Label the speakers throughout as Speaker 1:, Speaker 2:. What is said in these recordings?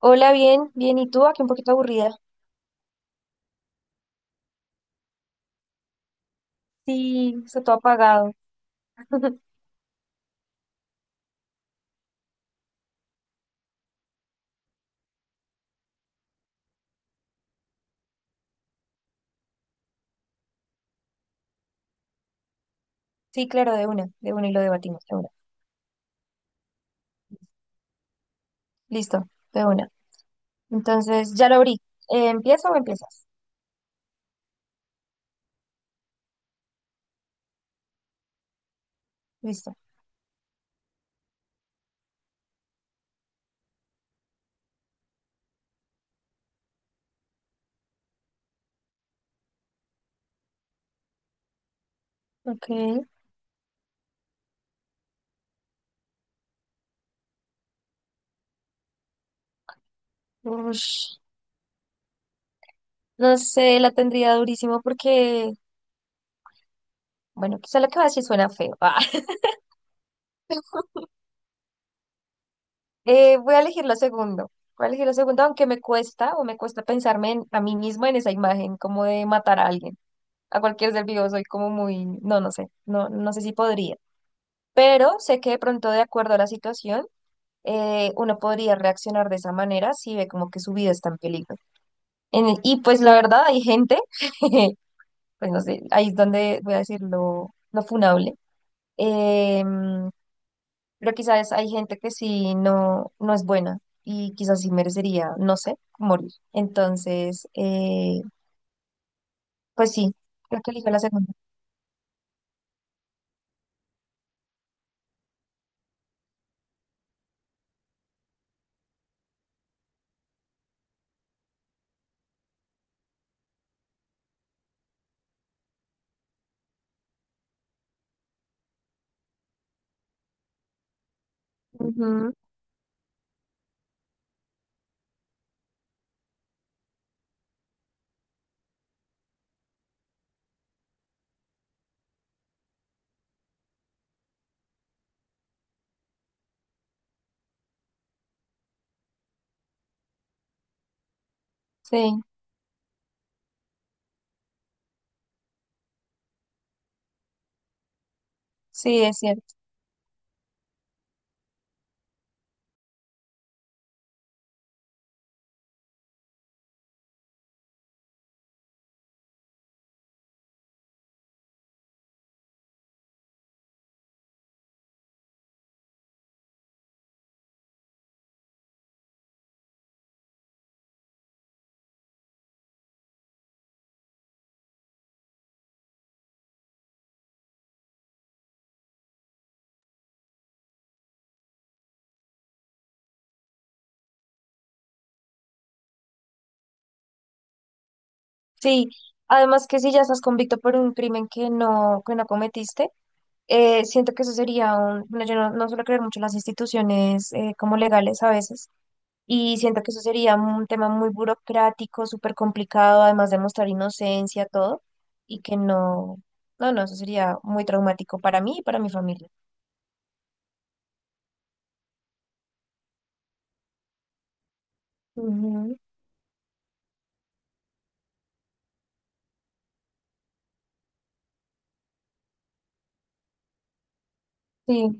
Speaker 1: Hola, bien, bien. ¿Y tú? Aquí un poquito aburrida. Sí, está todo apagado. Sí, claro, de una y lo debatimos, de una. Listo, de una. Entonces, ya lo abrí. ¿Empiezo o empiezas? Listo. Ok. Ush, no sé, la tendría durísimo porque, bueno, quizá lo que va a decir suena feo. Ah. Voy a elegir lo segundo. Voy a elegir lo segundo, aunque me cuesta o me cuesta pensarme a mí misma en esa imagen, como de matar a alguien, a cualquier ser vivo. Soy como muy, no, no sé, no sé si podría. Pero sé que de pronto, de acuerdo a la situación, uno podría reaccionar de esa manera si ve como que su vida está en peligro. Y pues la verdad, hay gente, pues no sé, ahí es donde voy a decir lo funable. em, pero quizás hay gente que sí no, no es buena y quizás sí merecería, no sé, morir. Entonces, pues sí, creo que elijo la segunda. Ujú, sí, sí, es cierto. Sí, además que si ya estás convicto por un crimen que no cometiste, siento que eso sería un, bueno, yo no, no suelo creer mucho en las instituciones como legales a veces, y siento que eso sería un tema muy burocrático, súper complicado, además de mostrar inocencia, todo, y que no, no, eso sería muy traumático para mí y para mi familia. Ujú. Sí,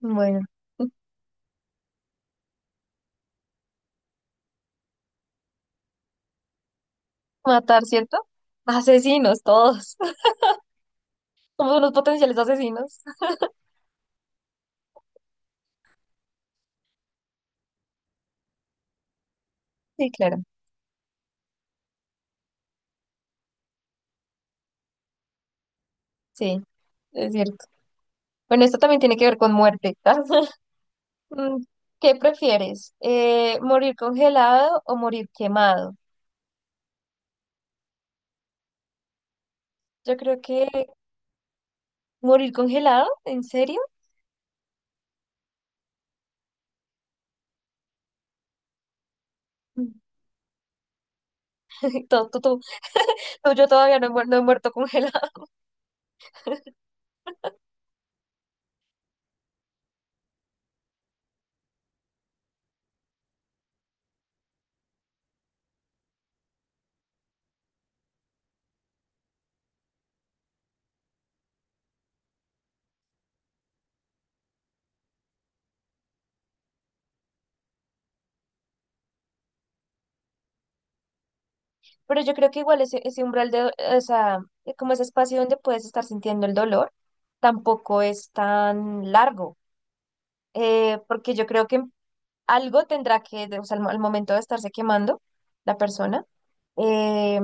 Speaker 1: bueno. Matar, ¿cierto? Asesinos, todos. Somos unos potenciales asesinos. Sí, claro, sí, es cierto. Bueno, esto también tiene que ver con muerte. Mm. ¿Qué prefieres? ¿Morir congelado o morir quemado? Yo creo que morir congelado, ¿en serio? Mm. Tú, tú- tú- tú, yo todavía no he, no he muerto congelado. Pero yo creo que igual ese, ese umbral o sea, como ese espacio donde puedes estar sintiendo el dolor, tampoco es tan largo, porque yo creo que algo tendrá que, o sea, al momento de estarse quemando la persona, eh,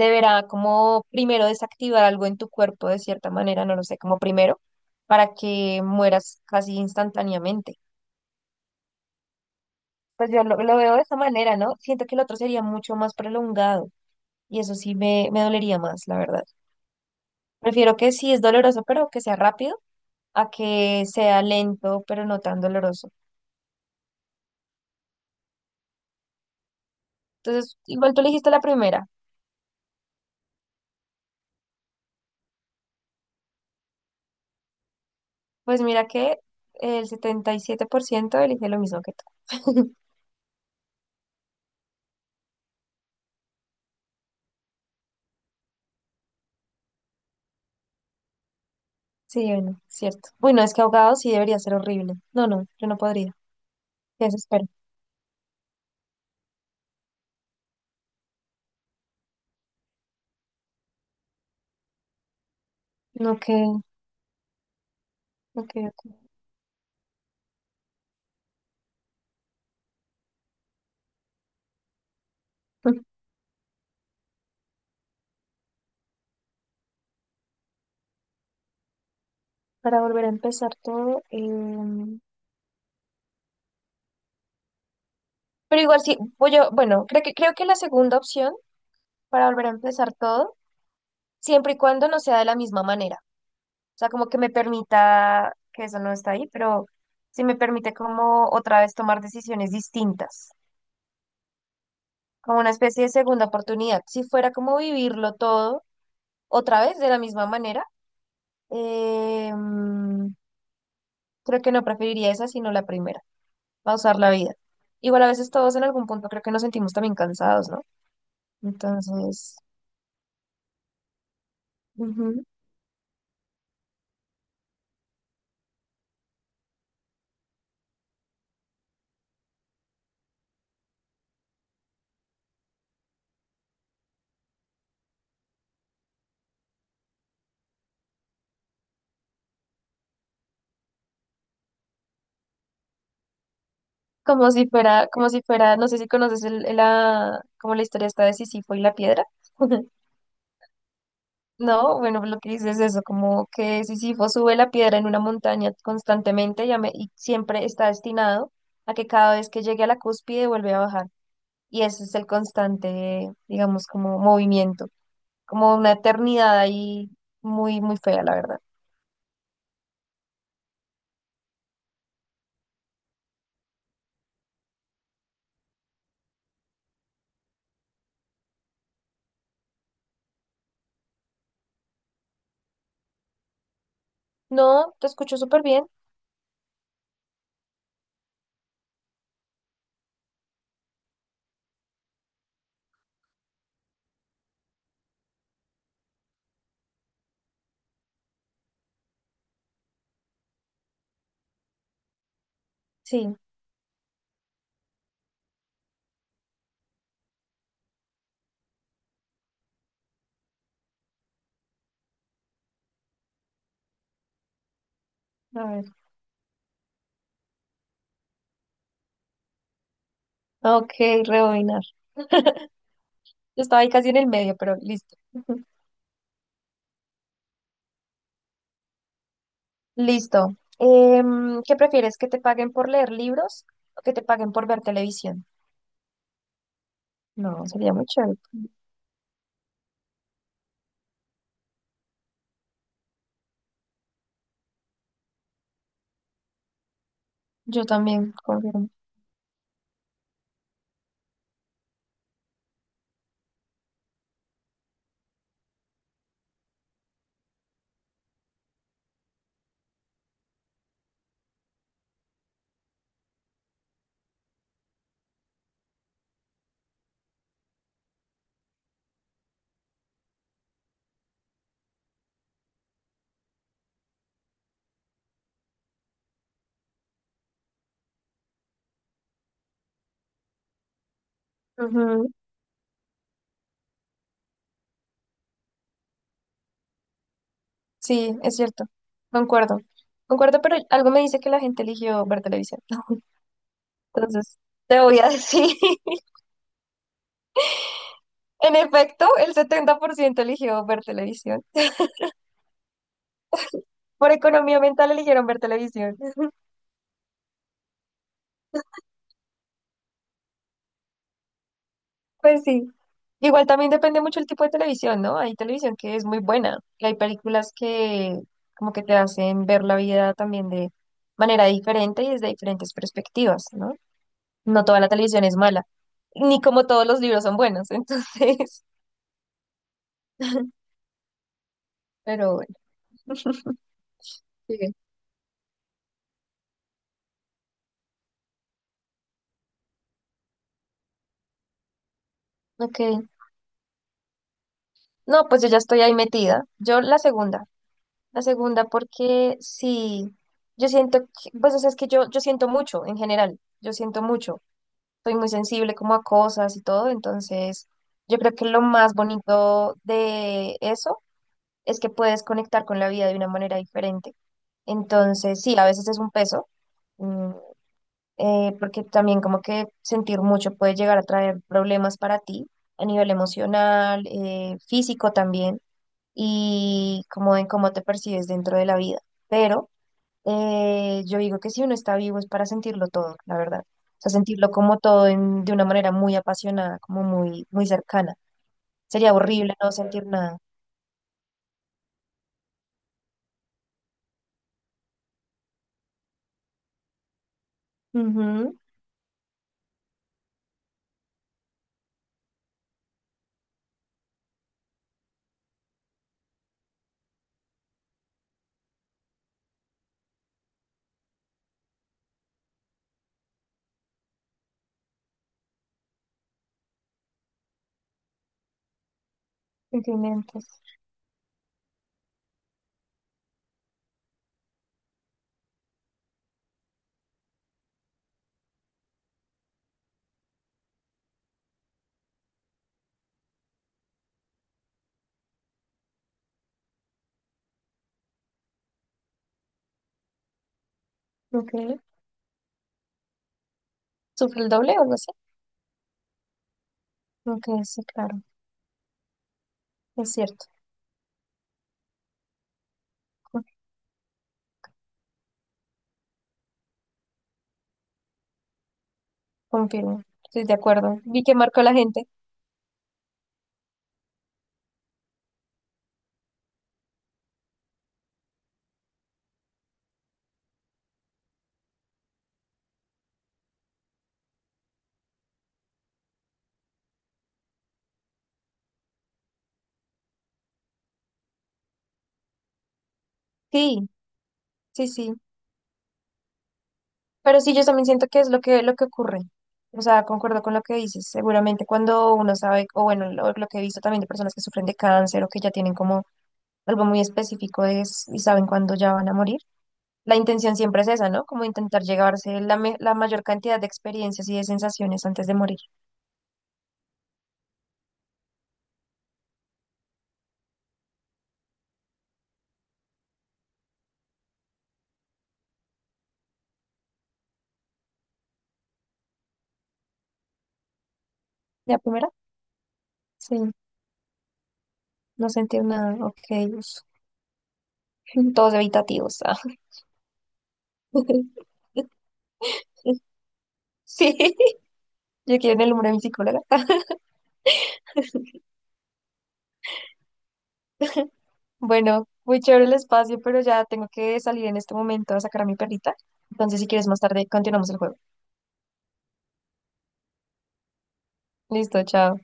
Speaker 1: deberá como primero desactivar algo en tu cuerpo de cierta manera, no lo sé, como primero, para que mueras casi instantáneamente. Pues yo lo veo de esa manera, ¿no? Siento que el otro sería mucho más prolongado y eso sí me dolería más, la verdad. Prefiero que sí es doloroso, pero que sea rápido, a que sea lento, pero no tan doloroso. Entonces, igual tú elegiste la primera. Pues mira que el 77% elige lo mismo que tú. Sí, bueno, cierto. Uy, no, es que ahogado sí debería ser horrible. No, no, yo no podría. Qué espero. No, que, ok, ok. Mm. Para volver a empezar todo. Pero igual sí, bueno, creo que la segunda opción para volver a empezar todo, siempre y cuando no sea de la misma manera. O sea, como que me permita, que eso no está ahí, pero sí me permite como otra vez tomar decisiones distintas, como una especie de segunda oportunidad. Si fuera como vivirlo todo otra vez de la misma manera. Em, Creo que no preferiría esa, sino la primera, pausar la vida. Igual a veces todos en algún punto creo que nos sentimos también cansados, ¿no? Entonces, ujú. Como si fuera, no sé si conoces como la historia está de Sísifo y la piedra. No, bueno, lo que dices es eso, como que Sísifo sube la piedra en una montaña constantemente y, y siempre está destinado a que cada vez que llegue a la cúspide vuelve a bajar. Y ese es el constante, digamos, como movimiento, como una eternidad ahí muy, muy fea, la verdad. No, te escucho súper bien. Sí, a ver. Ok, rebobinar. Yo estaba ahí casi en el medio, pero listo. Listo. ¿Qué prefieres? ¿Que te paguen por leer libros o que te paguen por ver televisión? No, sería muy chévere. Yo también, confirmo. Ujú. Sí, es cierto. Concuerdo. Concuerdo, pero algo me dice que la gente eligió ver televisión. Entonces, te voy a decir, en efecto, el 70% eligió ver televisión. Por economía mental eligieron ver televisión. Pues sí. Igual también depende mucho el tipo de televisión, ¿no? Hay televisión que es muy buena y hay películas que como que te hacen ver la vida también de manera diferente y desde diferentes perspectivas, ¿no? No toda la televisión es mala, ni como todos los libros son buenos, entonces, pero bueno, sigue. Ok. No, pues yo ya estoy ahí metida. Yo la segunda porque sí, yo siento, pues o sea, es que yo siento mucho en general, yo siento mucho. Soy muy sensible como a cosas y todo, entonces yo creo que lo más bonito de eso es que puedes conectar con la vida de una manera diferente. Entonces, sí, a veces es un peso, mm, porque también como que sentir mucho puede llegar a traer problemas para ti a nivel emocional, físico también, y como en cómo te percibes dentro de la vida. Pero yo digo que si uno está vivo es para sentirlo todo, la verdad. O sea, sentirlo como todo de una manera muy apasionada, como muy, muy cercana. Sería horrible no sentir nada. Ujú. Sentimientos. Ok. ¿Sufre el doble o algo así? Ok, sí, claro. Es cierto. co- Confirmo. Estoy de acuerdo. Vi que marcó la gente. Sí, sí, sí. Pero sí, yo también siento que es lo que ocurre. O sea, concuerdo con lo que dices. Seguramente cuando uno sabe, o bueno, lo que he visto también de personas que sufren de cáncer o que ya tienen como algo muy específico es y saben cuándo ya van a morir. La intención siempre es esa, ¿no? Como intentar llevarse la, la mayor cantidad de experiencias y de sensaciones antes de morir. ¿La primera? Sí, no sentir nada, ok. Uf. Todos evitativos. Ah. Sí, yo quiero el número de mi psicóloga. Bueno, muy chévere el espacio, pero ya tengo que salir en este momento a sacar a mi perrita. Entonces, si quieres más tarde, continuamos el juego. Listo, chao.